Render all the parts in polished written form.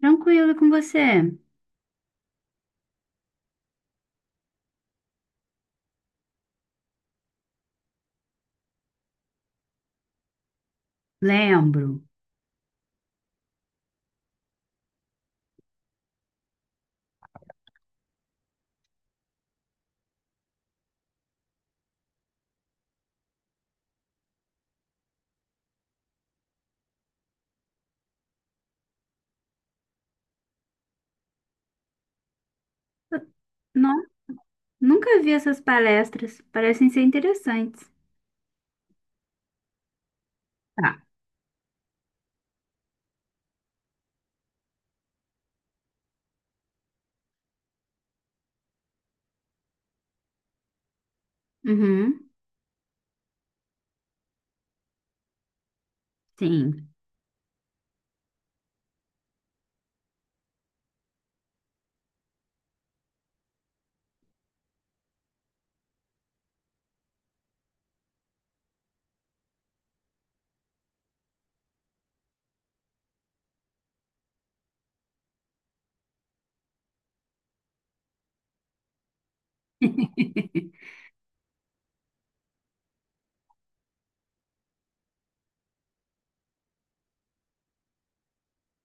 Tranquilo com você? Lembro. Não, nunca vi essas palestras. Parecem ser interessantes. Tá. Uhum. Sim,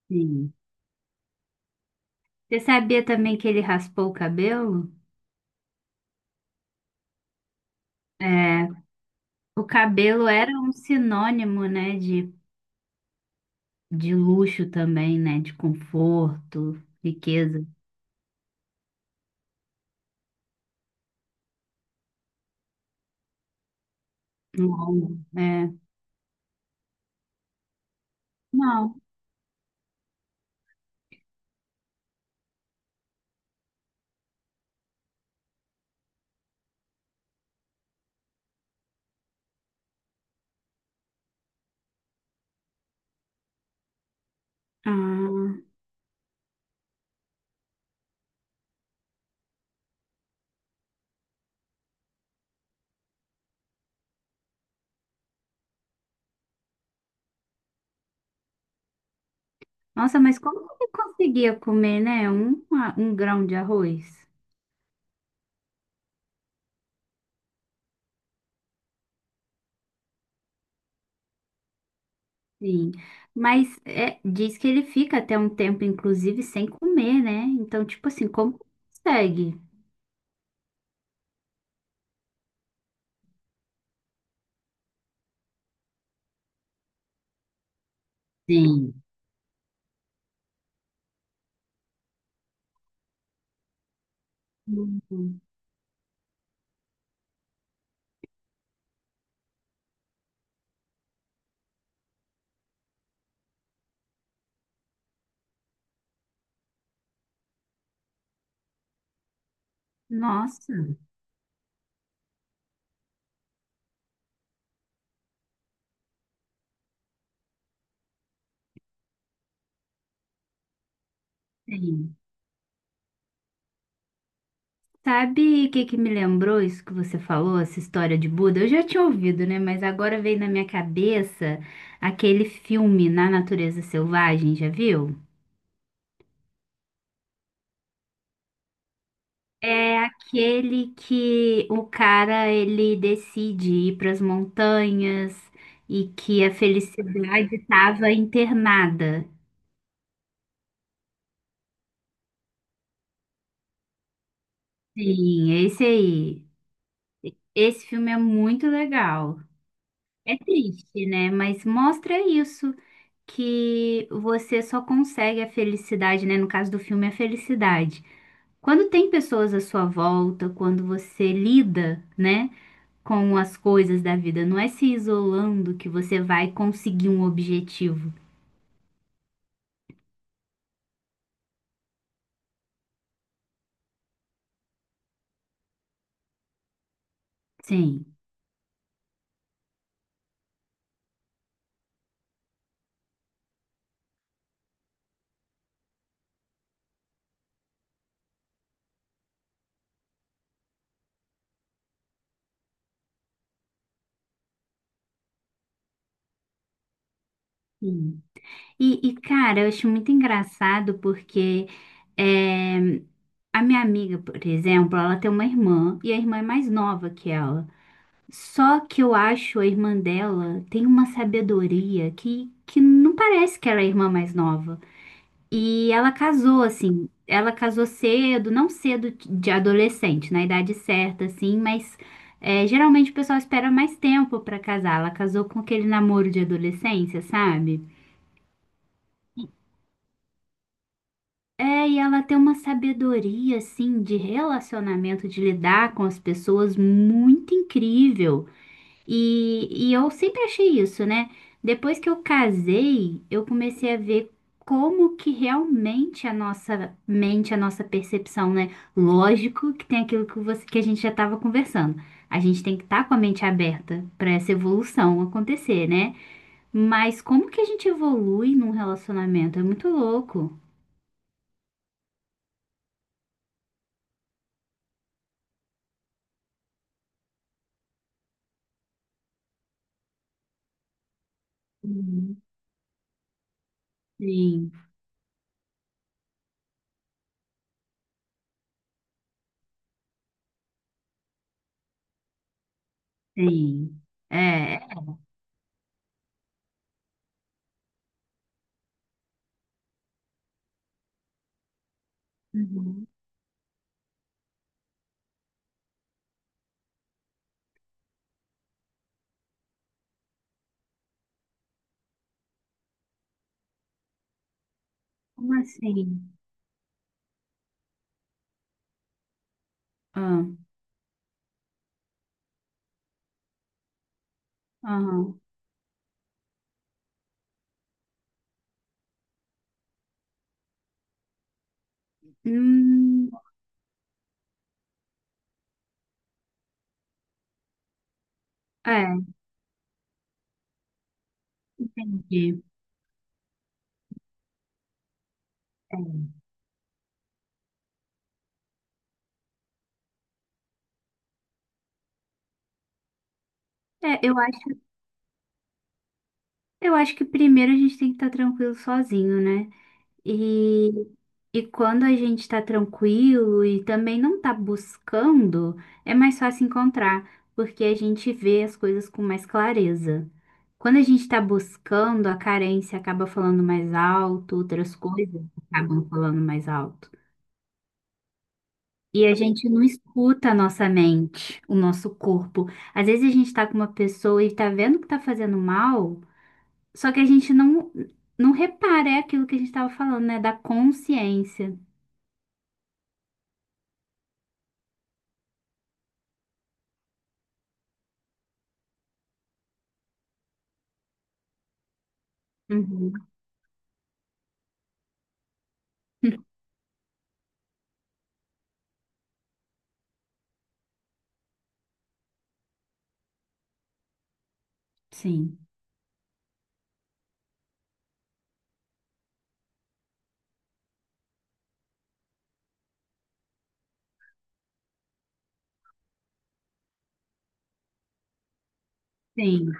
sim. Você sabia também que ele raspou o cabelo? É, o cabelo era um sinônimo, né, de luxo também, né, de conforto, riqueza. Longo, é. Não. Ah, nossa, mas como que ele conseguia comer, né, um grão de arroz? Sim, mas é, diz que ele fica até um tempo, inclusive, sem comer, né? Então, tipo assim, como consegue? Sim. Uhum. Nossa, sim. Sabe o que que me lembrou isso que você falou, essa história de Buda? Eu já tinha ouvido, né? Mas agora veio na minha cabeça aquele filme Na Natureza Selvagem, já viu? É aquele que o cara ele decide ir para as montanhas e que a felicidade estava internada. Sim, esse aí. Esse filme é muito legal. É triste, né? Mas mostra isso, que você só consegue a felicidade, né? No caso do filme, a felicidade. Quando tem pessoas à sua volta, quando você lida, né? com as coisas da vida. Não é se isolando que você vai conseguir um objetivo. Sim. Sim. Cara, eu acho muito engraçado porque é, a minha amiga, por exemplo, ela tem uma irmã e a irmã é mais nova que ela. Só que eu acho a irmã dela tem uma sabedoria que não parece que ela é a irmã mais nova. E ela casou, assim, ela casou cedo, não cedo de adolescente, na idade certa, assim, mas é, geralmente o pessoal espera mais tempo pra casar. Ela casou com aquele namoro de adolescência, sabe? É, e ela tem uma sabedoria, assim, de relacionamento, de lidar com as pessoas muito incrível. E eu sempre achei isso, né? Depois que eu casei, eu comecei a ver como que realmente a nossa mente, a nossa percepção, né? Lógico que tem aquilo que a gente já estava conversando. A gente tem que estar com a mente aberta para essa evolução acontecer, né? Mas como que a gente evolui num relacionamento? É muito louco. Uhum. Sim, sim. É, é- Uhum. Como assim? Ah, aham. Hum, é. Entendi. É, é, eu acho que primeiro a gente tem que estar tranquilo sozinho, né? E, e quando a gente está tranquilo e também não tá buscando, é mais fácil encontrar, porque a gente vê as coisas com mais clareza. Quando a gente está buscando, a carência acaba falando mais alto, outras coisas acabam falando mais alto. E a gente não escuta a nossa mente, o nosso corpo. Às vezes a gente tá com uma pessoa e tá vendo que tá fazendo mal. Só que a gente não repara, é aquilo que a gente estava falando, né? Da consciência. Uhum. Sim, sim.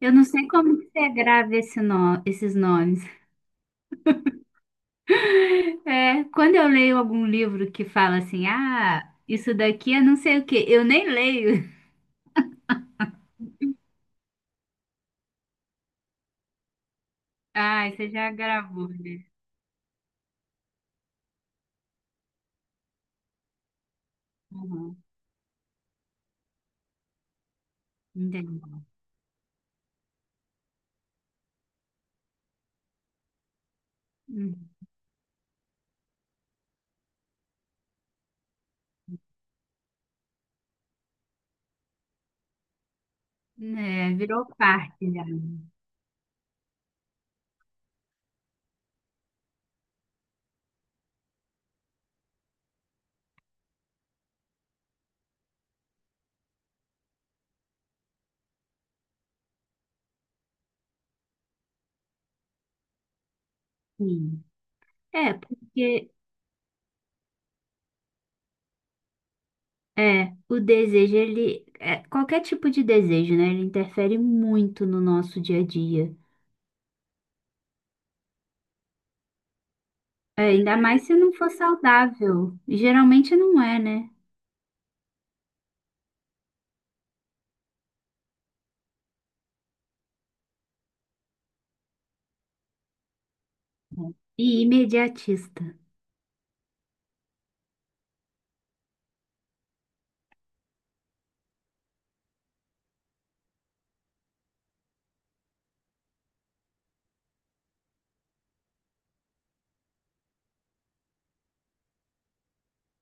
Eu não sei como que você grava esse no- esses nomes. É, quando eu leio algum livro que fala assim, ah, isso daqui é não sei o quê, eu nem leio. Ah, você já gravou, né? Uhum, entendi. Uhum. É, virou parte já. Sim. É, porque é, o desejo, ele, é, qualquer tipo de desejo, né? Ele interfere muito no nosso dia a dia. É, ainda mais se não for saudável. Geralmente não é, né? E imediatista.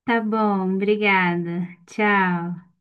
Tá bom, obrigada. Tchau.